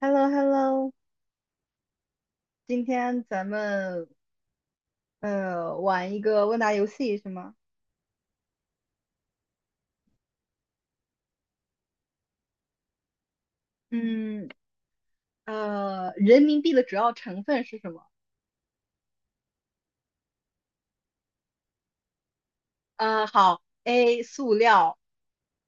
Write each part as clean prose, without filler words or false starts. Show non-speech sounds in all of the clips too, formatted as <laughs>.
h e l l o h e l l o 今天咱们玩一个问答游戏是吗？嗯，人民币的主要成分是什么？好，A 塑料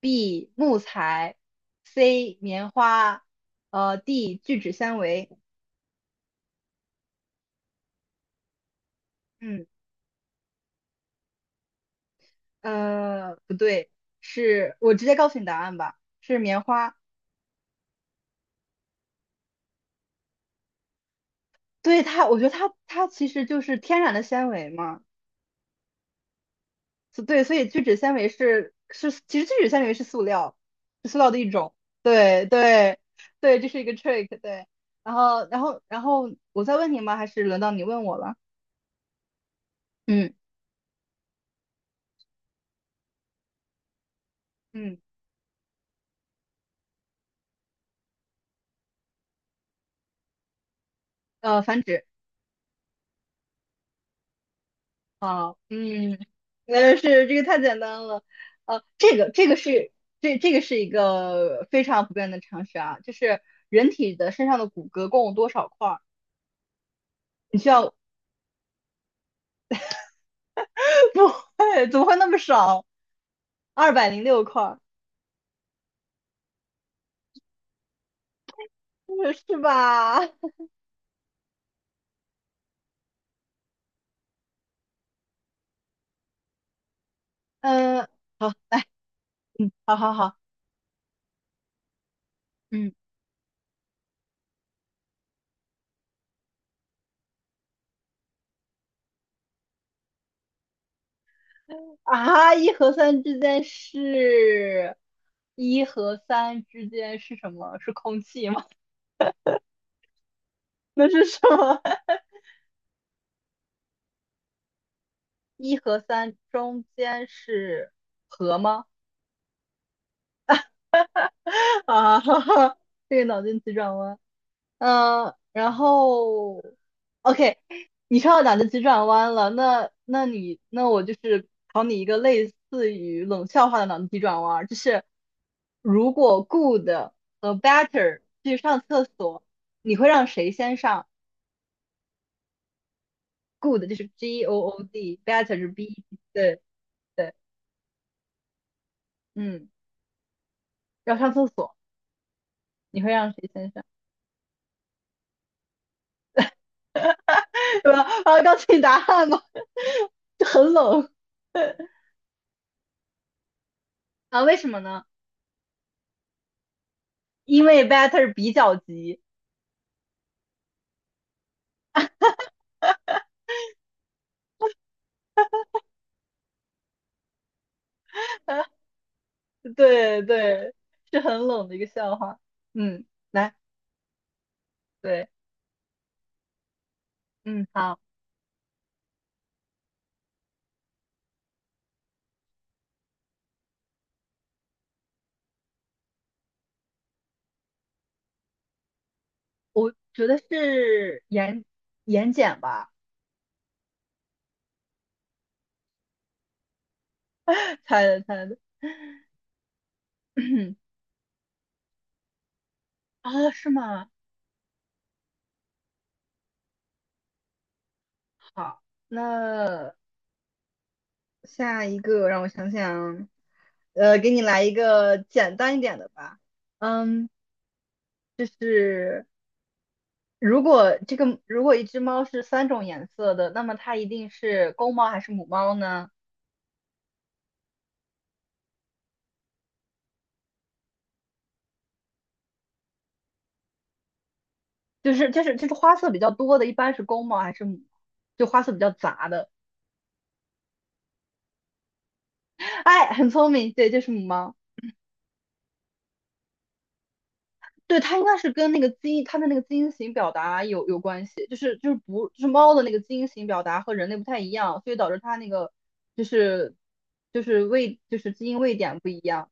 ，B 木材，C 棉花，D 聚酯纤维。嗯，不对，是我直接告诉你答案吧，是棉花。对它，我觉得它其实就是天然的纤维嘛。所以聚酯纤维是塑料，是塑料的一种。对对对，这是一个 trick。对，然后我再问你吗？还是轮到你问我了？嗯嗯，繁殖啊，嗯，那是这个太简单了。呃，这个这个是这个是一个非常普遍的常识啊，就是人体的身上的骨骼共有多少块儿？你需要 <laughs>，不会，怎么会那么少？二百零六块儿，是吧？<laughs> 嗯，好，来，嗯，好好好，嗯，啊，一和三之间是什么？是空气吗？<laughs> 那是什么？<laughs> 一和三中间是和吗？<laughs> 啊，哈哈，这个脑筋急转弯。然后，OK，你说到脑筋急转弯了，那我就是考你一个类似于冷笑话的脑筋急转弯儿，就是如果 good 和 better 去上厕所，你会让谁先上？good 就是 G O O D，better 是 B，对对，嗯，要上厕所，你会让谁先上？<laughs> 对吧？啊，告诉你答案吧，<laughs> 就很冷啊，为什么呢？因为 better 比较急。<laughs> <laughs> 对对，是很冷的一个笑话。嗯，来，对，嗯，好，我觉得是眼睑吧，<laughs> 猜的。<coughs> <clears throat> 哦，是吗？好，那下一个让我想想，给你来一个简单一点的吧。嗯，就是如果一只猫是三种颜色的，那么它一定是公猫还是母猫呢？就是花色比较多的，一般是公猫还是母？就花色比较杂的。哎，很聪明，对，就是母猫。对，它应该是跟那个基因，它的那个基因型表达有关系，就是就是不就是猫的那个基因型表达和人类不太一样，所以导致它那个就是就是位就是基因位点不一样。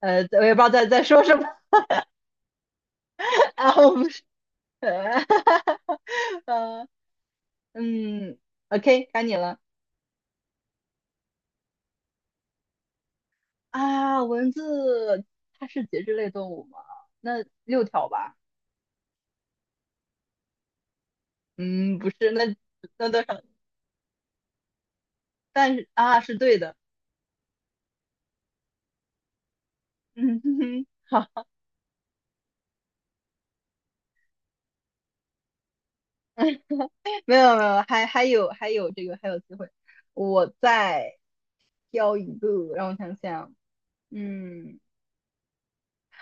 呃，我也不知道在说什么 <laughs> 啊，我不是，<laughs> 呃嗯，OK，该你了。啊，蚊子它是节肢类动物吗？那六条吧？嗯，不是，那那多少？但是啊，是对的。嗯哼哼，<laughs> 好，没有没有，还有还有这个还有机会。我再挑一个，让我想想。嗯，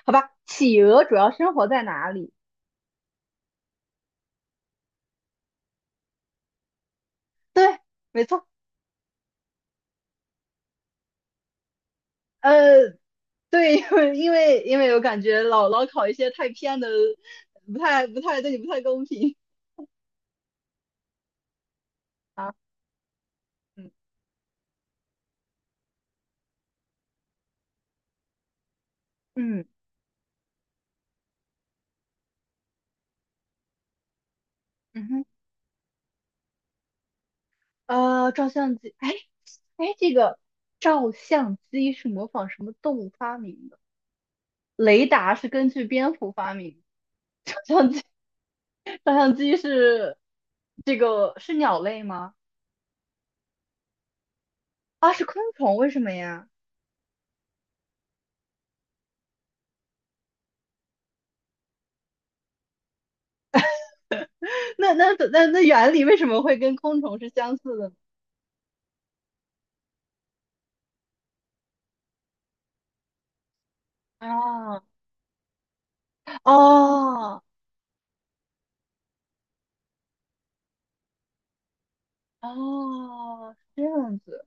好吧，企鹅主要生活在哪里？对，没错。呃，对，<laughs> 因为我感觉老考一些太偏的，不太对你不太公平啊。嗯嗯嗯哼。照相机，哎，这个照相机是模仿什么动物发明的？雷达是根据蝙蝠发明的 <laughs> 照相机，照相机是这个是鸟类吗？啊，是昆虫，为什么呀？那原理为什么会跟昆虫是相似的呢？啊，哦哦，是这样子，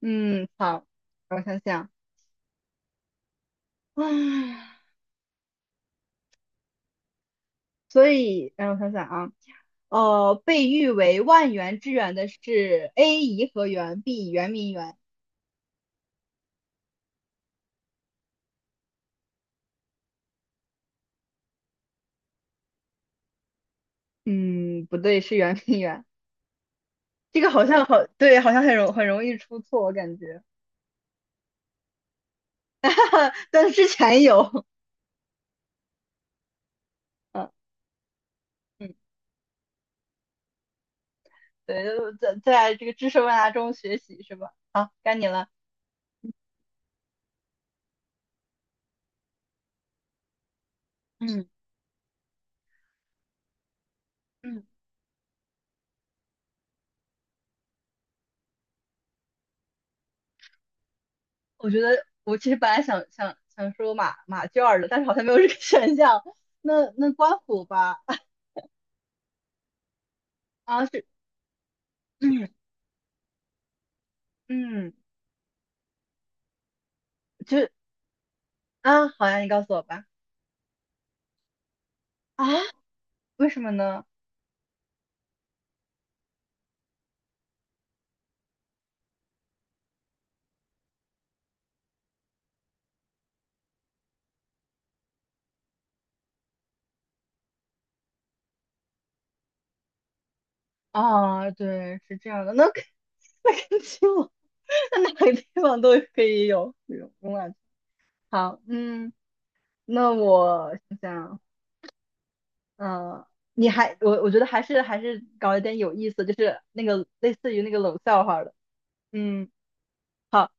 嗯，好，我想想，唉。所以，让我想想啊，被誉为万园之园的是 A 颐和园，B 圆明园。嗯，不对，是圆明园。这个好像好，对，好像很容易出错，我感觉。<laughs> 哈哈，但是之前有，嗯嗯，对，在这个知识问答中学习是吧？好，该你了。嗯嗯，我觉得我其实本来想说马圈儿的，但是好像没有这个 <laughs> 选项。那官府吧，啊是，嗯，嗯，就啊，好呀，你告诉我吧。啊？为什么呢？啊，对，是这样的，<laughs> 那跟基本那哪个地方都可以有慵懒。好，嗯，那我想想，呃，我觉得还是搞一点有意思，就是那个类似于那个冷笑话的。嗯，好，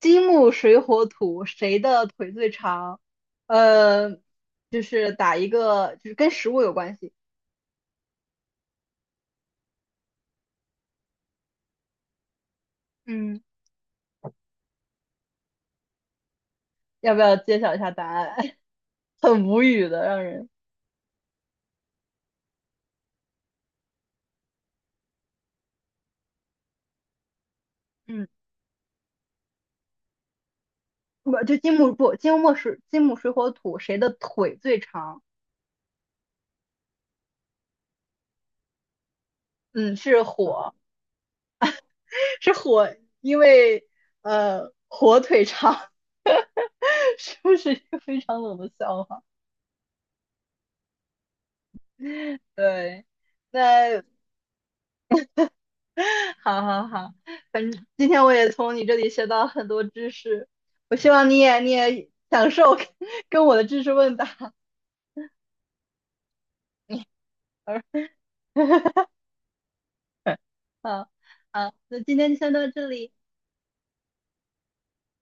金木水火土，谁的腿最长？呃，就是打一个，就是跟食物有关系。嗯，要不要揭晓一下答案？很无语的，让人，嗯不就金木不金木水金木水火土，谁的腿最长？嗯，是火，因为火腿肠 <laughs> 是不是一个非常冷的笑话？对，那好好好，反正今天我也从你这里学到很多知识，我希望你也享受跟我的知识问答。<laughs> 好，好，那今天就先到这里。